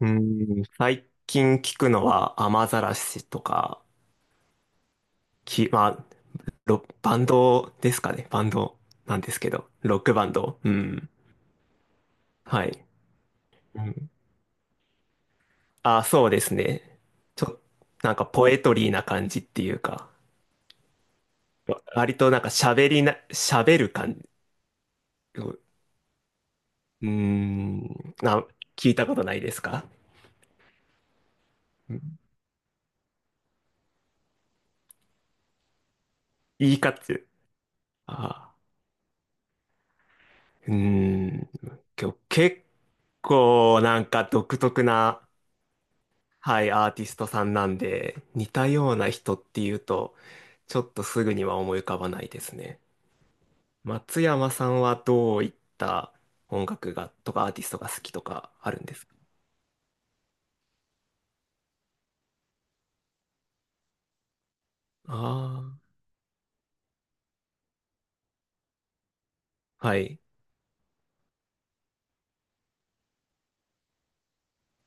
うーん、最近聞くのは雨ざらしとか、まあ、バンドですかね。バンドなんですけど、ロックバンド。うん。はい。うん。あ、そうですね。ちょ、なんかポエトリーな感じっていうか、割となんか喋りな、喋る感じ。うーん、な、聞いたことないですか？うん。言い方、あ、うーん、今日結構なんか独特な、はい、アーティストさんなんで、似たような人っていうと、ちょっとすぐには思い浮かばないですね。松山さんはどういった音楽が、とかアーティストが好きとかあるんですか？ああー、はい。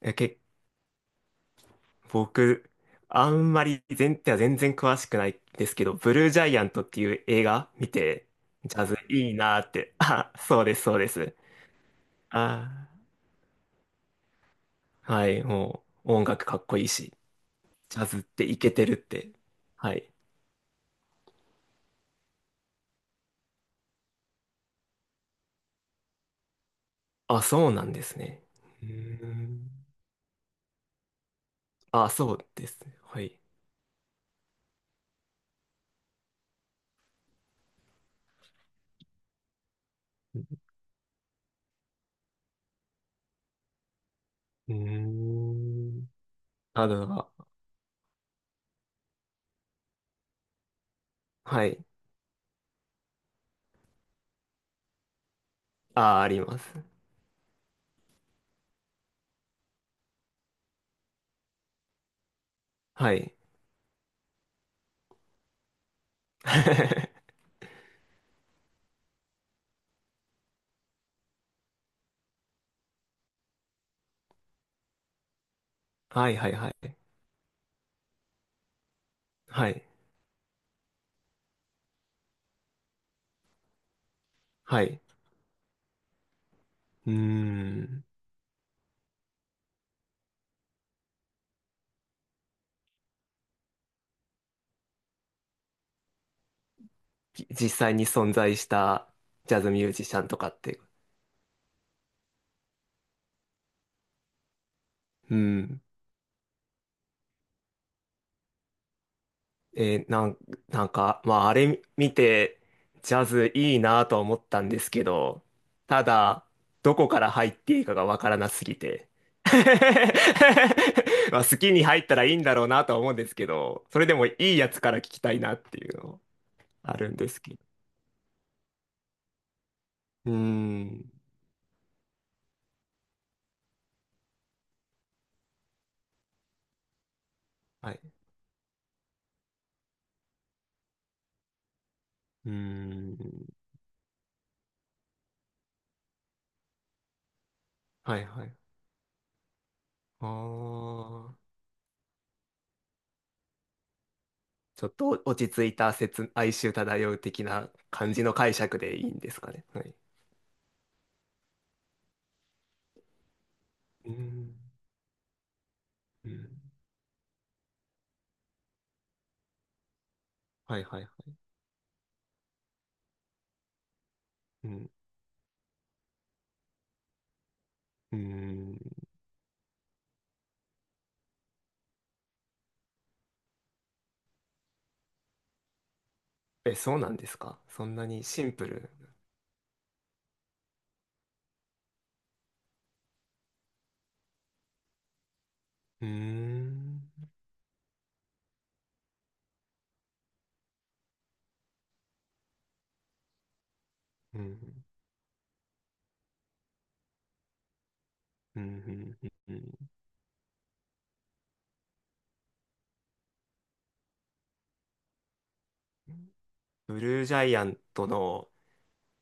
え、け、僕、あんまり全体は全然詳しくないですけど、ブルージャイアントっていう映画見て、ジャズいいなーって。あ、そうです、そうです。ああ、はい、もう音楽かっこいいし、ジャズってイケてるって。はい。あ、そうなんですね。うーん。あ、そうですね。はい。うーん。あ、はい。あ、あります。はい。はいはいはい。はい。はい。うーん。実際に存在したジャズミュージシャンとかって。うん。えーなん、なんか、まあ、あれ見て、ジャズいいなとは思ったんですけど、ただ、どこから入っていいかがわからなすぎて。まあ、好きに入ったらいいんだろうなとは思うんですけど、それでもいいやつから聞きたいなっていうのあるんですけど。うーん。はい。うーん。はいはい。あー、ちょっと落ち着いた哀愁漂う的な感じの解釈でいいんですかね。はい。うーん。うん。はいはいはい。うん。うーん。え、そうなんですか？そんなにシンプル。うーん。うん。うん。うんうんうん。ブルージャイアントの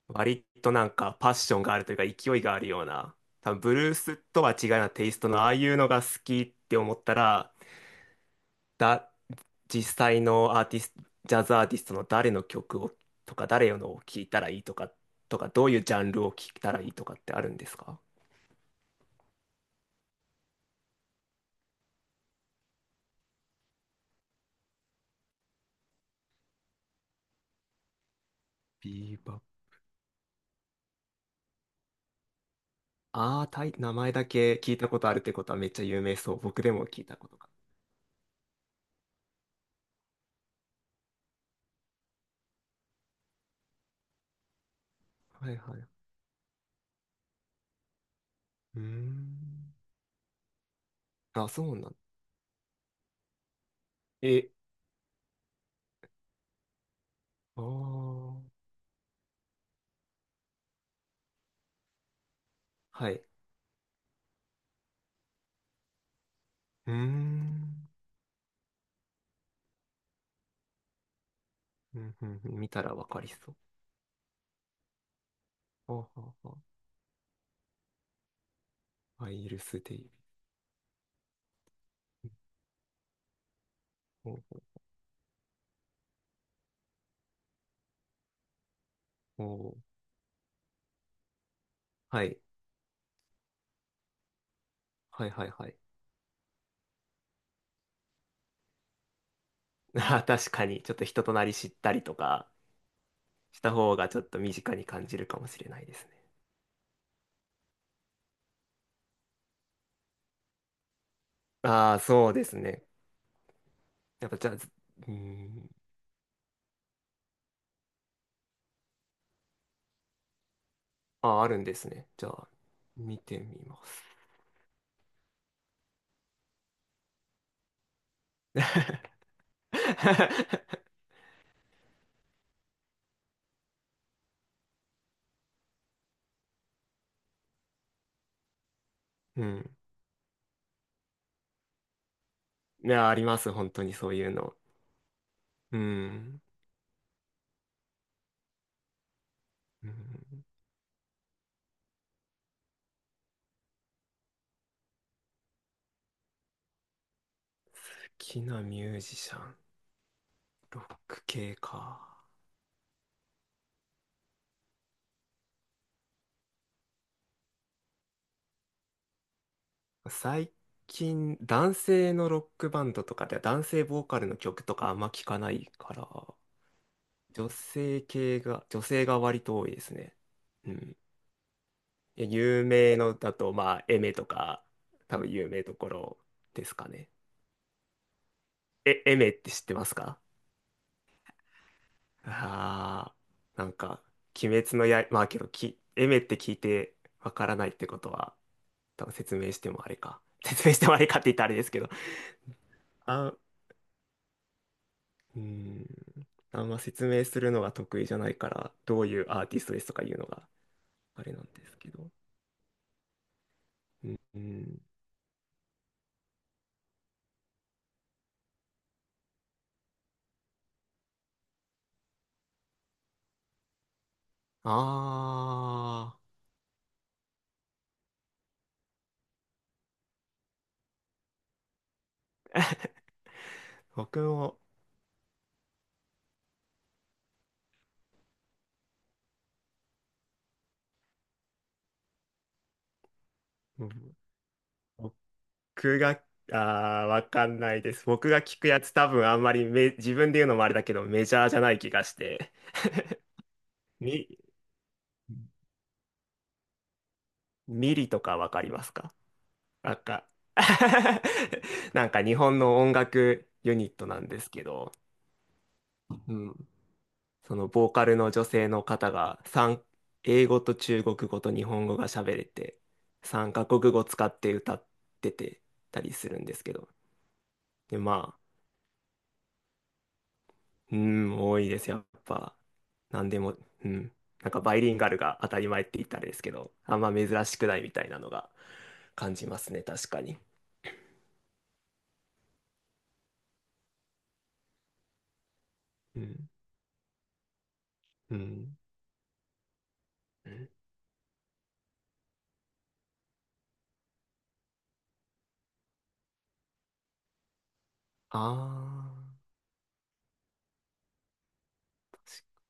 割となんかパッションがあるというか勢いがあるような、多分ブルースとは違うようなテイストのああいうのが好きって思ったら、だ、実際のアーティスト、ジャズアーティストの誰の曲をとか誰のを聴いたらいいとか、とかどういうジャンルを聴いたらいいとかってあるんですか？ビーバッ。ああ、名前だけ聞いたことあるってことはめっちゃ有名そう。僕でも聞いたことが。はいはい。うーん。あ、そうなんえ、ああ、はい。うーん。うんうんうん、見たらわかりそう。はあはあはあ、アイルスデイビー。おお、はい。はいはいはい。あー、確かに、ちょっと人となり知ったりとかした方がちょっと身近に感じるかもしれないですね。ああ、そうですね。やっぱじゃあ、ずうーん。ああ、あるんですね。じゃあ、見てみます。うん。いや、あります、本当にそういうの。うん。うん、好きなミュージシャン、ロック系か。最近、男性のロックバンドとかで男性ボーカルの曲とかあんま聞かないから、女性が割と多いですね。うん。いや有名のだと、まあ、エメとか、多分有名どころですかね。え、エメって知ってますか？ああ、なんか、鬼滅の刃、まあけど、エメって聞いてわからないってことは、多分説明してもあれか。説明してもあれかって言ったらあれですけど。あ、うーん。あんま説明するのが得意じゃないから、どういうアーティストですとかいうのがあれなんですけど。うん。ああ、僕も、うん、僕が、ああ、わかんないです。僕が聞くやつ多分あんまりめ、自分で言うのもあれだけど、メジャーじゃない気がして。みミリとかわかりますか？なんか なんか日本の音楽ユニットなんですけど、うん、そのボーカルの女性の方が英語と中国語と日本語が喋れて、3カ国語使って歌っててたりするんですけど、で、まあ、うん、多いです、やっぱ。なんでも、うん、なんかバイリンガルが当たり前って言ったらですけど、あんま珍しくないみたいなのが感じますね、確かに。うん、うん。うん、あー、確か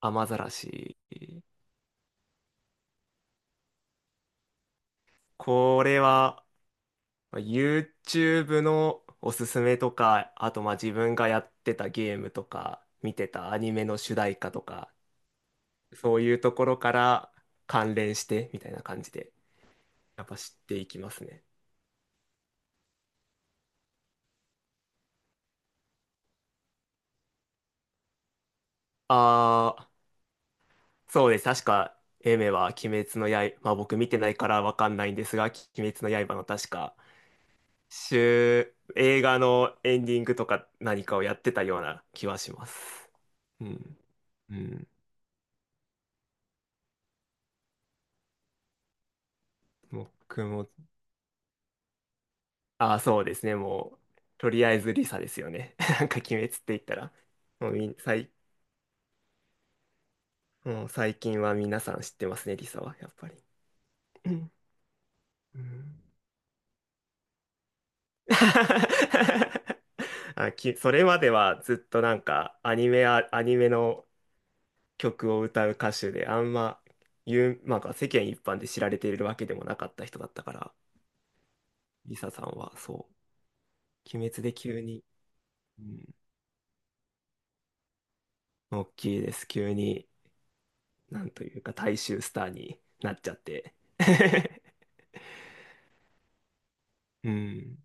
雨ざらし。これは、まあ YouTube のおすすめとか、あとまあ自分がやってたゲームとか、見てたアニメの主題歌とか、そういうところから関連してみたいな感じで、やっぱ知っていきますね。ああ、そうです。確か、エメは鬼滅の刃、まあ僕見てないからわかんないんですが、鬼滅の刃の確か、映画のエンディングとか何かをやってたような気はします。うん。うん。僕も、あ、そうですね。もう、とりあえずリサですよね。なんか鬼滅って言ったら、もうみん、最、もう最近は皆さん知ってますね、リサは、やっぱり。うんうん。 あ、それまではずっとなんかアニメの曲を歌う歌手で、あんま、まあ、世間一般で知られているわけでもなかった人だったから、リサさんはそう、鬼滅で急に、うん、大きいです。急に、なんというか、大衆スターになっちゃって。うん。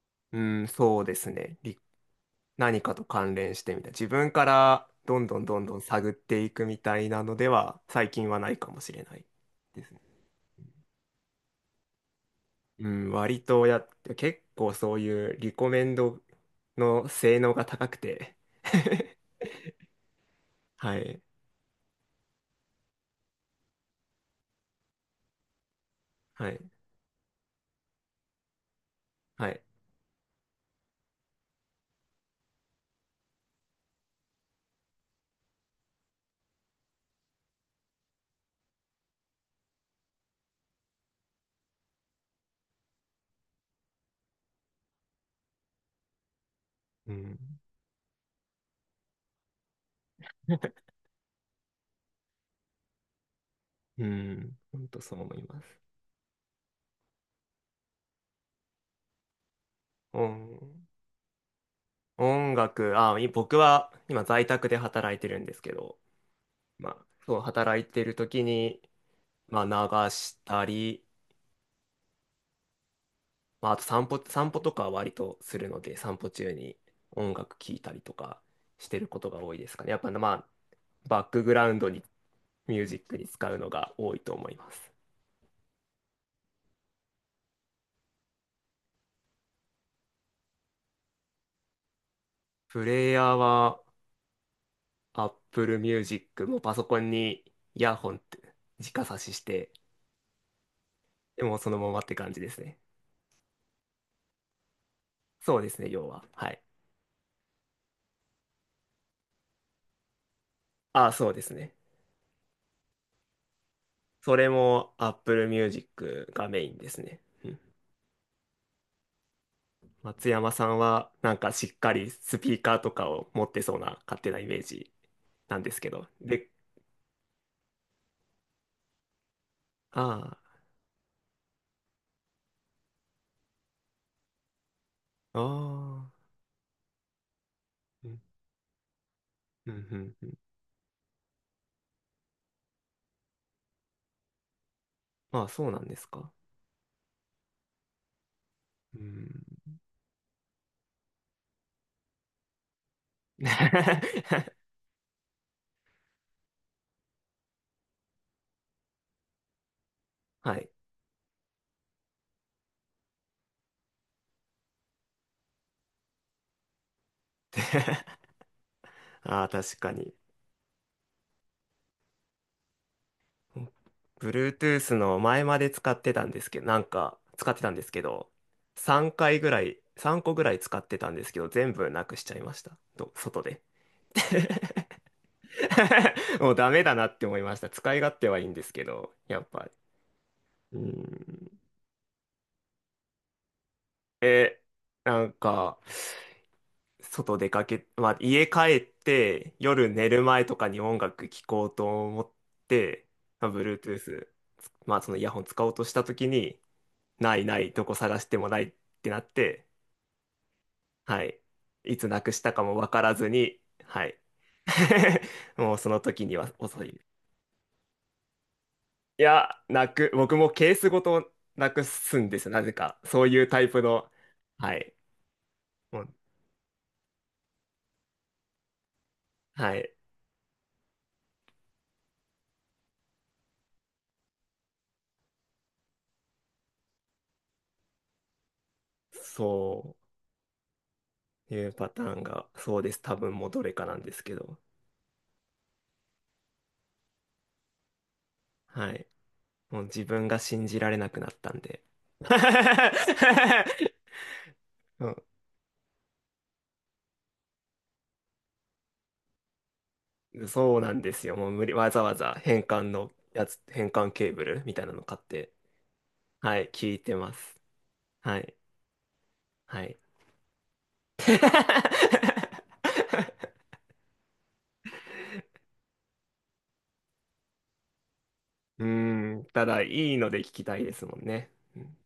うん、そうですね。何かと関連してみたい。自分からどんどんどんどん探っていくみたいなのでは、最近はないかもしれないですね。うん、割と結構そういうリコメンドの性能が高くて はい、はい、はい。うん、うん、本当そう思います。音、音楽、あ、僕は今在宅で働いてるんですけど、まあ、そう、働いてる時に、まあ、流したり、まあ、あと散歩とかは割とするので、散歩中に音楽聴いたりとかしてることが多いですかね。やっぱ、まあ、バックグラウンドにミュージックに使うのが多いと思います。プレイヤーは Apple Music もパソコンにイヤホンって直差しして、でもそのままって感じですね。そうですね、要は。はい。あ、そうですね。それも Apple Music がメインですね。うん。松山さんはなんかしっかりスピーカーとかを持ってそうな勝手なイメージなんですけど。で、ああ、ああ、うん、うん、うん。うん、まあそうなんですか。うん。はい。で。 ああ、確かに。Bluetooth の前まで使ってたんですけど、なんか使ってたんですけど、3回ぐらい、3個ぐらい使ってたんですけど、全部なくしちゃいました。と、外で。もうダメだなって思いました。使い勝手はいいんですけど、やっぱ。うん。え、なんか、外出かけ、まあ、家帰って夜寝る前とかに音楽聴こうと思って、まあ、まあそのイヤホン使おうとした時に、ないない、どこ探してもないってなって、はい。いつなくしたかもわからずに、はい。もうその時には遅い。いや、僕もケースごとなくすんですよ、なぜか。そういうタイプの、はい。もう、はい。そういうパターンが、そうです。多分もうどれかなんですけど。はい。もう自分が信じられなくなったんで。うん。そうなんですよ。もう無理、わざわざ変換のやつ、変換ケーブルみたいなの買って、はい、聞いてます。はい、はい。うーん、ただいいので聞きたいですもんね。うん